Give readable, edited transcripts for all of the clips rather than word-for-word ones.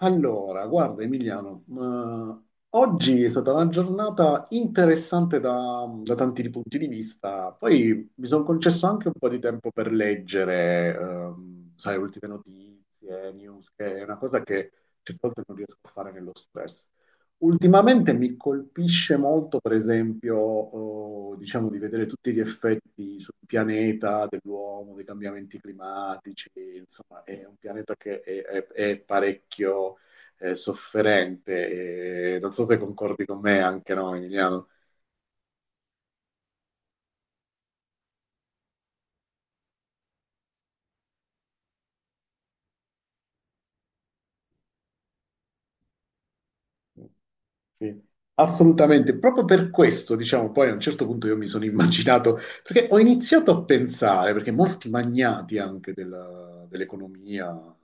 Allora, guarda Emiliano, ma oggi è stata una giornata interessante da tanti punti di vista. Poi mi sono concesso anche un po' di tempo per leggere, sai, ultime notizie, news, che è una cosa che certe volte non riesco a fare nello stress. Ultimamente mi colpisce molto, per esempio, diciamo di vedere tutti gli effetti sul pianeta dell'uomo, dei cambiamenti climatici, insomma, è un pianeta che è parecchio sofferente. E non so se concordi con me anche, no, Emiliano? Sì, assolutamente. Proprio per questo, diciamo, poi a un certo punto io mi sono immaginato, perché ho iniziato a pensare, perché molti magnati anche dell'economia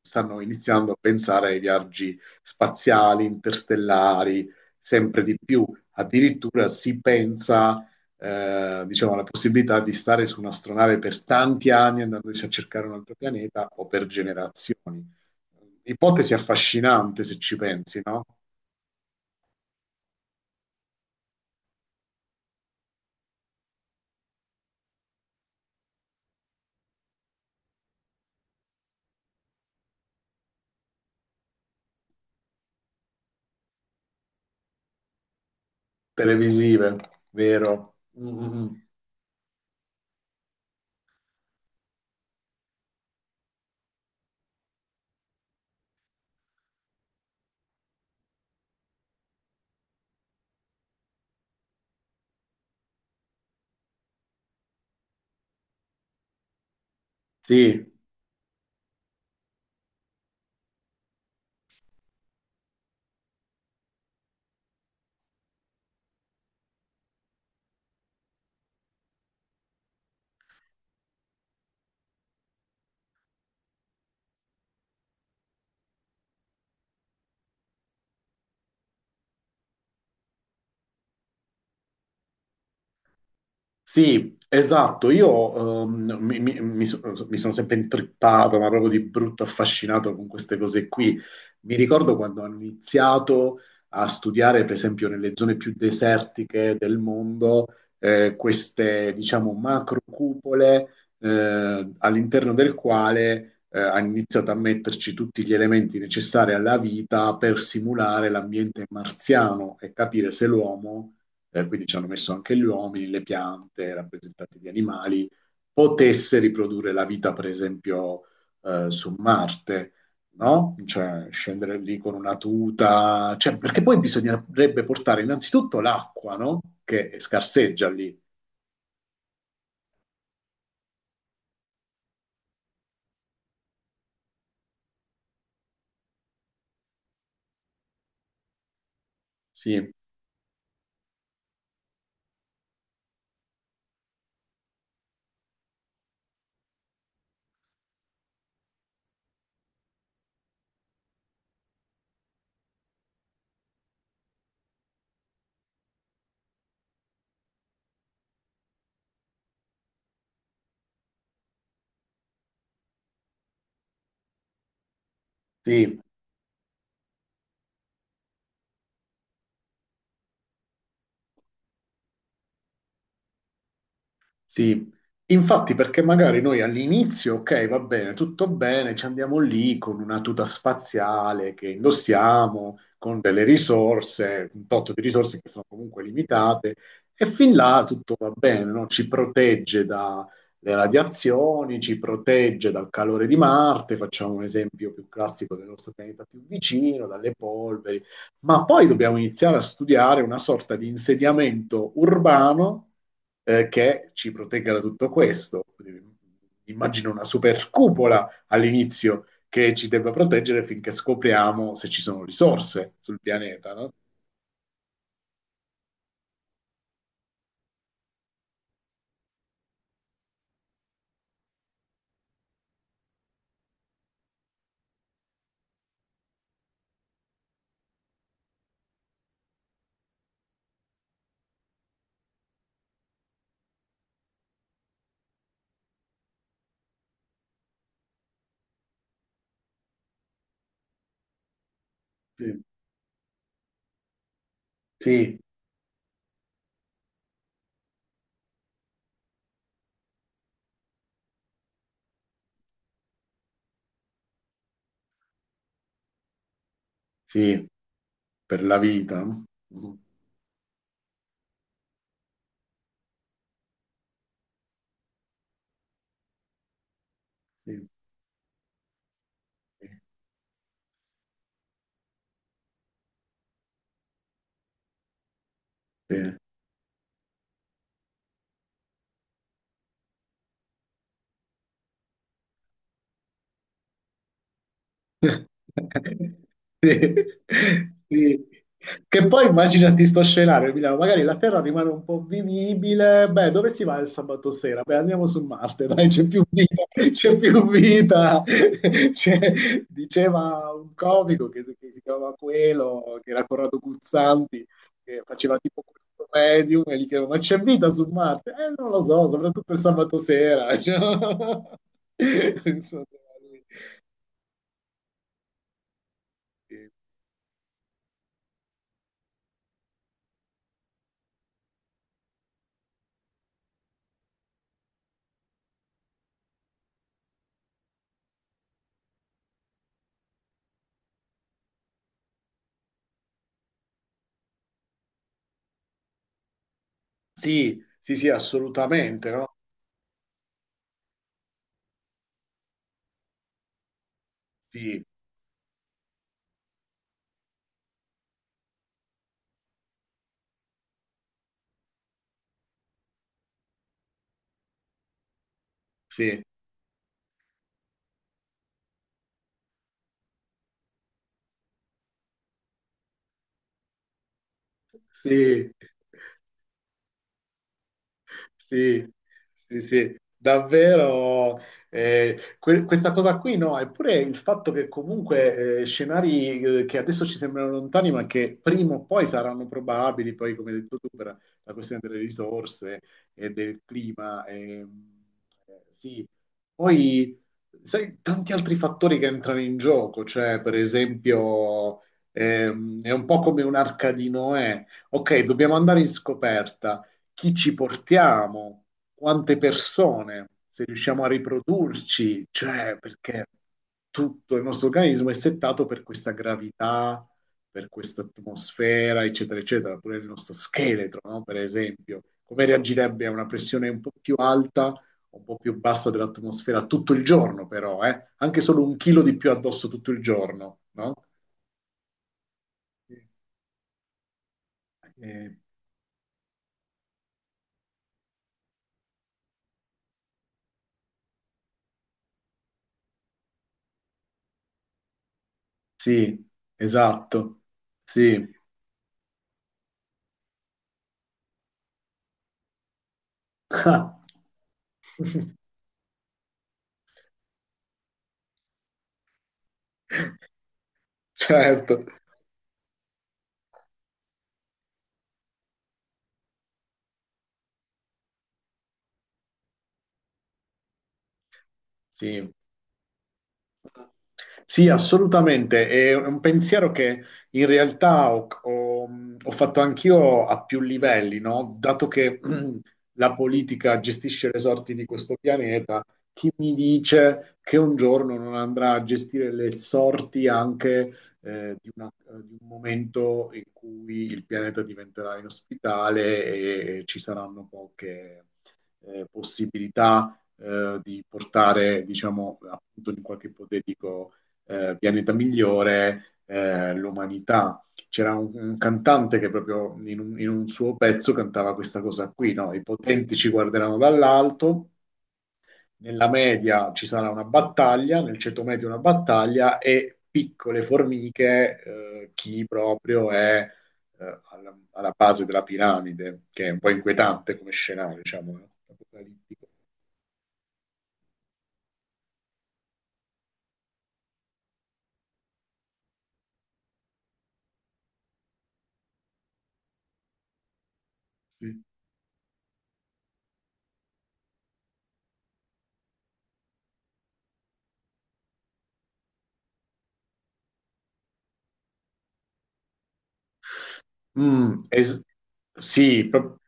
stanno iniziando a pensare ai viaggi spaziali, interstellari, sempre di più. Addirittura si pensa, diciamo, alla possibilità di stare su un'astronave per tanti anni andandoci a cercare un altro pianeta o per generazioni. Ipotesi affascinante se ci pensi, no? Televisive, vero? Mm. Sì. Sì, esatto, io mi sono sempre intrippato, ma proprio di brutto affascinato con queste cose qui. Mi ricordo quando hanno iniziato a studiare, per esempio, nelle zone più desertiche del mondo, queste, diciamo, macro cupole all'interno del quale hanno iniziato a metterci tutti gli elementi necessari alla vita per simulare l'ambiente marziano e capire se l'uomo quindi ci hanno messo anche gli uomini, le piante rappresentate di animali, potesse riprodurre la vita, per esempio, su Marte, no? Cioè scendere lì con una tuta, cioè, perché poi bisognerebbe portare innanzitutto l'acqua, no? Che scarseggia lì. Sì, sì. Sì, infatti perché magari noi all'inizio, ok, va bene, tutto bene, ci andiamo lì con una tuta spaziale che indossiamo, con delle risorse, un tot di risorse che sono comunque limitate, e fin là tutto va bene, no? Ci protegge dalle radiazioni, ci protegge dal calore di Marte, facciamo un esempio più classico del nostro pianeta più vicino, dalle polveri, ma poi dobbiamo iniziare a studiare una sorta di insediamento urbano che ci protegga da tutto questo. Quindi, immagino una super cupola all'inizio che ci debba proteggere finché scopriamo se ci sono risorse sul pianeta, no? Sì. Sì, sì, per la vita, no? Mhm. Sì. Sì. Sì. Sì, sì. Che poi immaginati sto scenario, Milano, magari la Terra rimane un po' vivibile, beh, dove si va il sabato sera? Beh, andiamo su Marte, dai, c'è più vita, c'è più vita. Diceva un comico che, si chiamava Quello, che era Corrado Guzzanti, che faceva tipo questo medium e gli chiedeva, ma c'è vita su Marte? Non lo so, soprattutto il sabato sera. Cioè, insomma, sì, sì, sì, assolutamente, no? Sì, sì, sì. Sì, sì, sì, davvero. Questa cosa qui, no? Eppure il fatto che comunque scenari che adesso ci sembrano lontani, ma che prima o poi saranno probabili, poi come hai detto tu, per la questione delle risorse e del clima, sì. Poi, sai, tanti altri fattori che entrano in gioco, cioè per esempio è un po' come un'arca di Noè. Ok, dobbiamo andare in scoperta, chi ci portiamo, quante persone, se riusciamo a riprodurci, cioè perché tutto il nostro organismo è settato per questa gravità, per questa atmosfera, eccetera, eccetera, pure il nostro scheletro, no? Per esempio, come reagirebbe a una pressione un po' più alta, un po' più bassa dell'atmosfera tutto il giorno, però, eh? Anche solo un chilo di più addosso tutto il giorno, no? Sì. Eh, sì, esatto, sì. Certo, sì. Sì, assolutamente. È un pensiero che in realtà ho fatto anch'io a più livelli, no? Dato che la politica gestisce le sorti di questo pianeta, chi mi dice che un giorno non andrà a gestire le sorti anche eh, di una- di un momento in cui il pianeta diventerà inospitale e ci saranno poche possibilità di portare, diciamo, appunto in qualche ipotetico pianeta migliore l'umanità. C'era un cantante che proprio in un suo pezzo cantava questa cosa qui, no? I potenti ci guarderanno dall'alto, nella media ci sarà una battaglia, nel ceto medio una battaglia e piccole formiche, chi proprio è alla base della piramide, che è un po' inquietante come scenario, diciamo, no? Apocalittico. Mm, sì,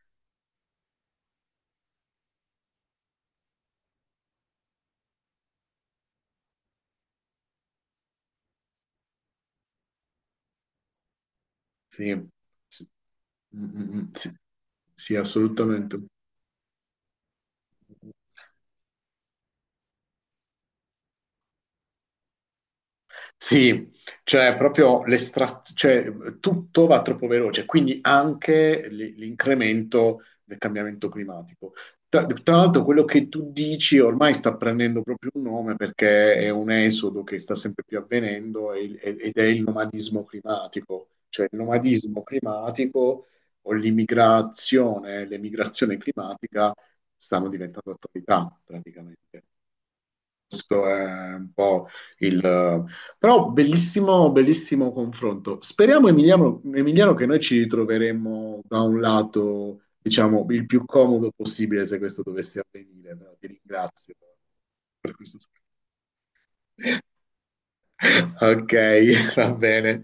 sì, sì, mm, mm, mm, sì, sì, assolutamente. Sì, cioè proprio tutto va troppo veloce, quindi anche l'incremento del cambiamento climatico. Tra l'altro, quello che tu dici ormai sta prendendo proprio un nome perché è un esodo che sta sempre più avvenendo e ed è il nomadismo climatico, cioè il nomadismo climatico o l'immigrazione, l'emigrazione climatica stanno diventando attualità praticamente. Questo è un po' il... Però bellissimo, bellissimo confronto. Speriamo, Emiliano, Emiliano, che noi ci ritroveremo da un lato, diciamo, il più comodo possibile se questo dovesse avvenire. Però ti ringrazio per questo. Ok, va bene.